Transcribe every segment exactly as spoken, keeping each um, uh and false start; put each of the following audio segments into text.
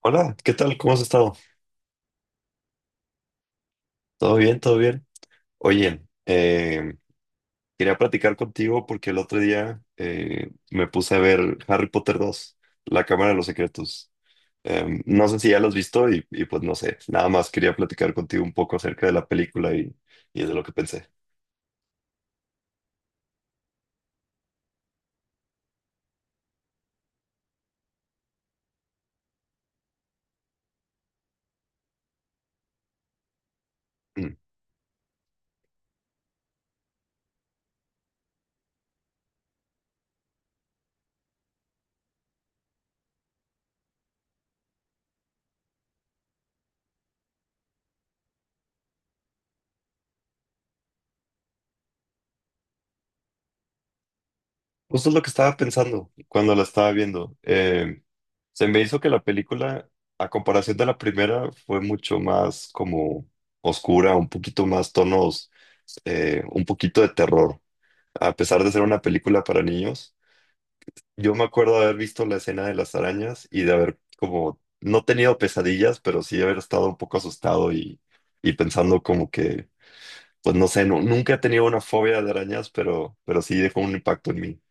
Hola, ¿qué tal? ¿Cómo has estado? ¿Todo bien? ¿Todo bien? Oye, eh, quería platicar contigo porque el otro día eh, me puse a ver Harry Potter dos, La Cámara de los Secretos. Eh, no sé si ya lo has visto y, y pues no sé, nada más quería platicar contigo un poco acerca de la película y, y de lo que pensé. Mm. Justo es lo que estaba pensando cuando la estaba viendo. Eh, se me hizo que la película, a comparación de la primera, fue mucho más como oscura, un poquito más tonos, eh, un poquito de terror. A pesar de ser una película para niños, yo me acuerdo de haber visto la escena de las arañas y de haber como, no tenido pesadillas, pero sí de haber estado un poco asustado y, y pensando como que, pues no sé, no- nunca he tenido una fobia de arañas, pero, pero sí dejó un impacto en mí.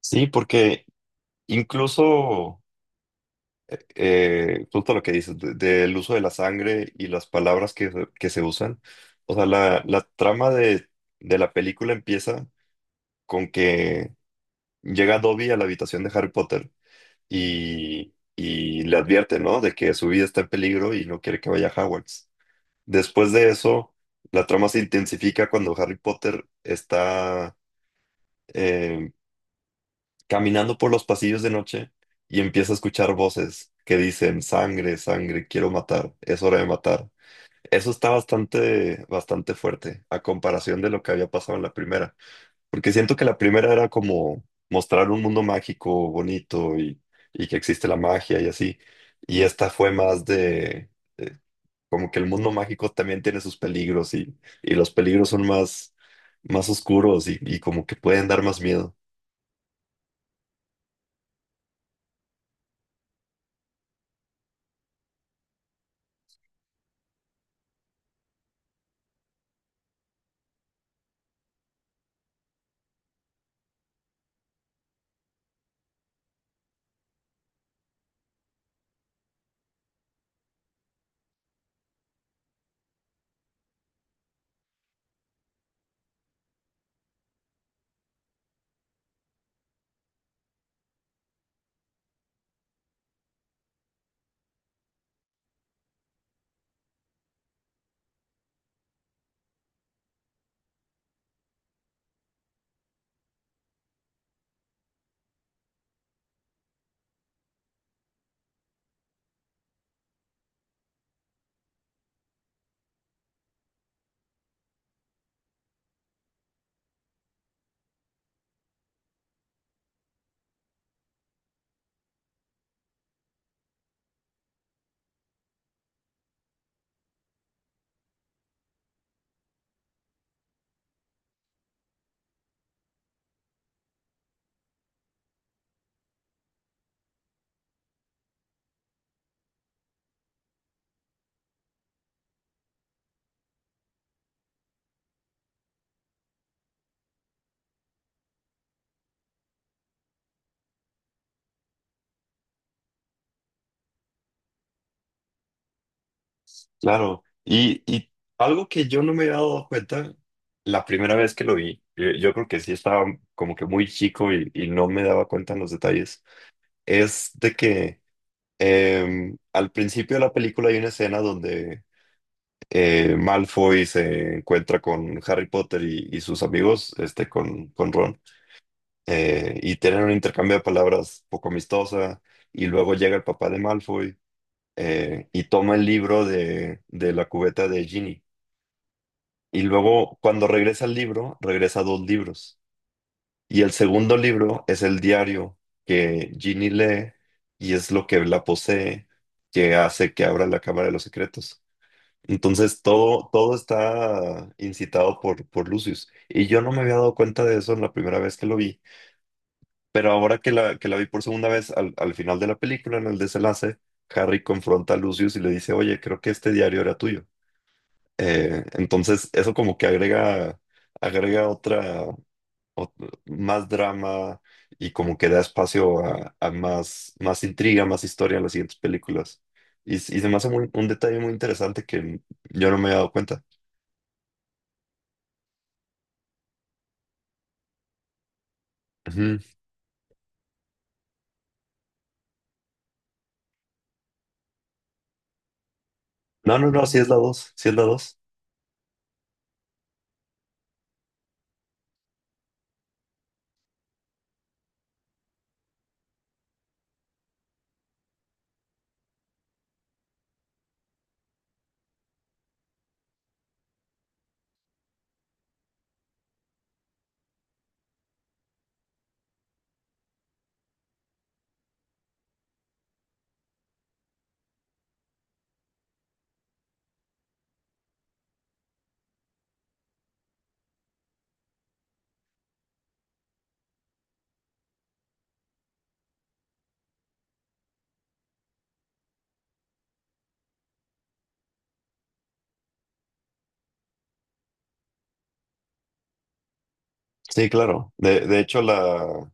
Sí, porque incluso, eh, justo lo que dices, de- del uso de la sangre y las palabras que, se- que se usan. O sea, la, la trama de, de la película empieza con que llega Dobby a la habitación de Harry Potter y, y le advierte, ¿no? De que su vida está en peligro y no quiere que vaya a Hogwarts. Después de eso, la trama se intensifica cuando Harry Potter está... em, caminando por los pasillos de noche y empieza a escuchar voces que dicen, sangre, sangre, quiero matar, es hora de matar. Eso está bastante, bastante fuerte a comparación de lo que había pasado en la primera, porque siento que la primera era como mostrar un mundo mágico, bonito y, y que existe la magia y así, y esta fue más de, de como que el mundo mágico también tiene sus peligros y, y los peligros son más, más oscuros y, y como que pueden dar más miedo. Claro, y, y algo que yo no me había dado cuenta la primera vez que lo vi, yo, yo creo que sí estaba como que muy chico y, y no me daba cuenta en los detalles, es de que em, al principio de la película hay una escena donde eh, Malfoy se encuentra con Harry Potter y, y sus amigos, este, con, con Ron, eh, y tienen un intercambio de palabras poco amistosa, y luego llega el papá de Malfoy eh, y toma el libro de, de la cubeta de Ginny. Y luego, cuando regresa al libro, regresa a dos libros. Y el segundo libro es el diario que Ginny lee y es lo que la posee, que hace que abra la Cámara de los Secretos. Entonces, todo, todo está incitado por, por Lucius. Y yo no me había dado cuenta de eso en la primera vez que lo vi. Pero ahora que la, que la vi por segunda vez, al, al final de la película, en el desenlace, Harry confronta a Lucius y le dice, oye, creo que este diario era tuyo. Eh, entonces, eso como que agrega, agrega otra, ot- más drama y como que da espacio a, a más, más intriga, más historia en las siguientes películas. Y, s- y se me hace muy- un detalle muy interesante que yo no me había dado cuenta. Ujú. No, no, no, sí es la dos, sí es la dos. Sí, claro. De, de hecho, la,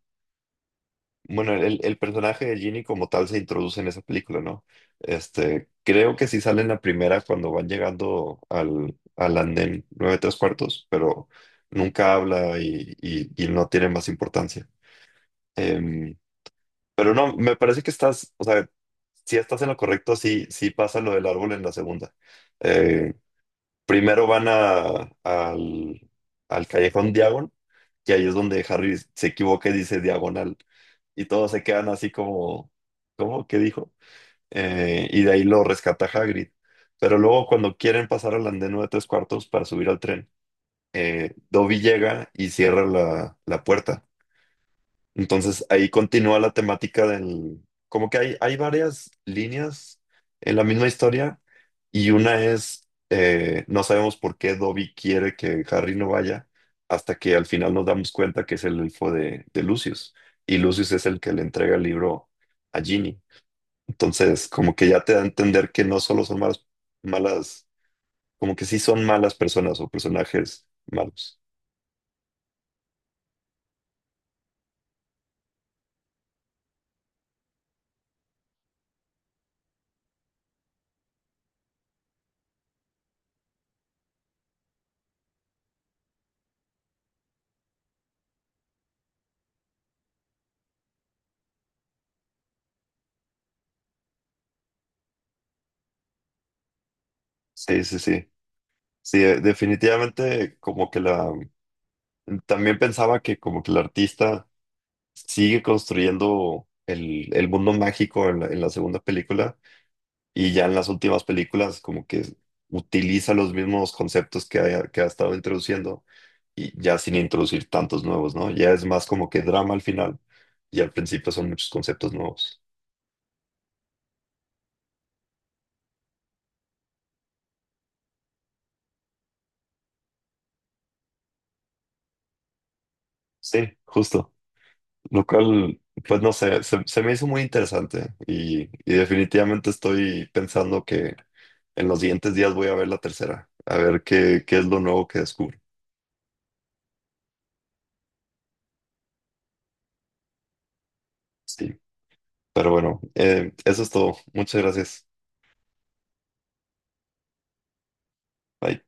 bueno, el, el personaje de Ginny como tal se introduce en esa película, ¿no? Este, creo que sí sale en la primera cuando van llegando al, al andén nueve tres cuartos, pero nunca habla y, y- y no tiene más importancia. Em, pero no, me parece que estás, o sea, si estás en lo correcto, sí, sí pasa lo del árbol en la segunda. Eh, Primero van a, al, al callejón Diagon, que ahí es donde Harry se equivoca y dice diagonal. Y todos se quedan así como, ¿cómo? ¿Qué dijo? Eh, y de ahí lo rescata Hagrid. Pero luego cuando quieren pasar al andén nueve tres cuartos para subir al tren, eh, Dobby llega y cierra la, la puerta. Entonces ahí continúa la temática del... Como que hay, hay varias líneas en la misma historia y una es, eh, no sabemos por qué Dobby quiere que Harry no vaya hasta que al final nos damos cuenta que es el elfo de, de Lucius y Lucius es el que le entrega el libro a Ginny. Entonces como que ya te da a entender que no solo son malas, malas, como que sí son malas personas o personajes malos. Sí, sí, sí. Sí, eh, definitivamente como que la... También pensaba que como que el artista sigue construyendo el, el mundo mágico en la, en la segunda película y ya en las últimas películas como que utiliza los mismos conceptos que ha, que ha estado introduciendo y ya sin introducir tantos nuevos, ¿no? Ya es más como que drama al final y al principio son muchos conceptos nuevos. Sí, justo. Lo cual, pues no sé, se, se me hizo muy interesante y, y definitivamente estoy pensando que en los siguientes días voy a ver la tercera, a ver qué, qué es lo nuevo que descubro. Sí, pero bueno, eh, eso es todo. Muchas gracias. Bye.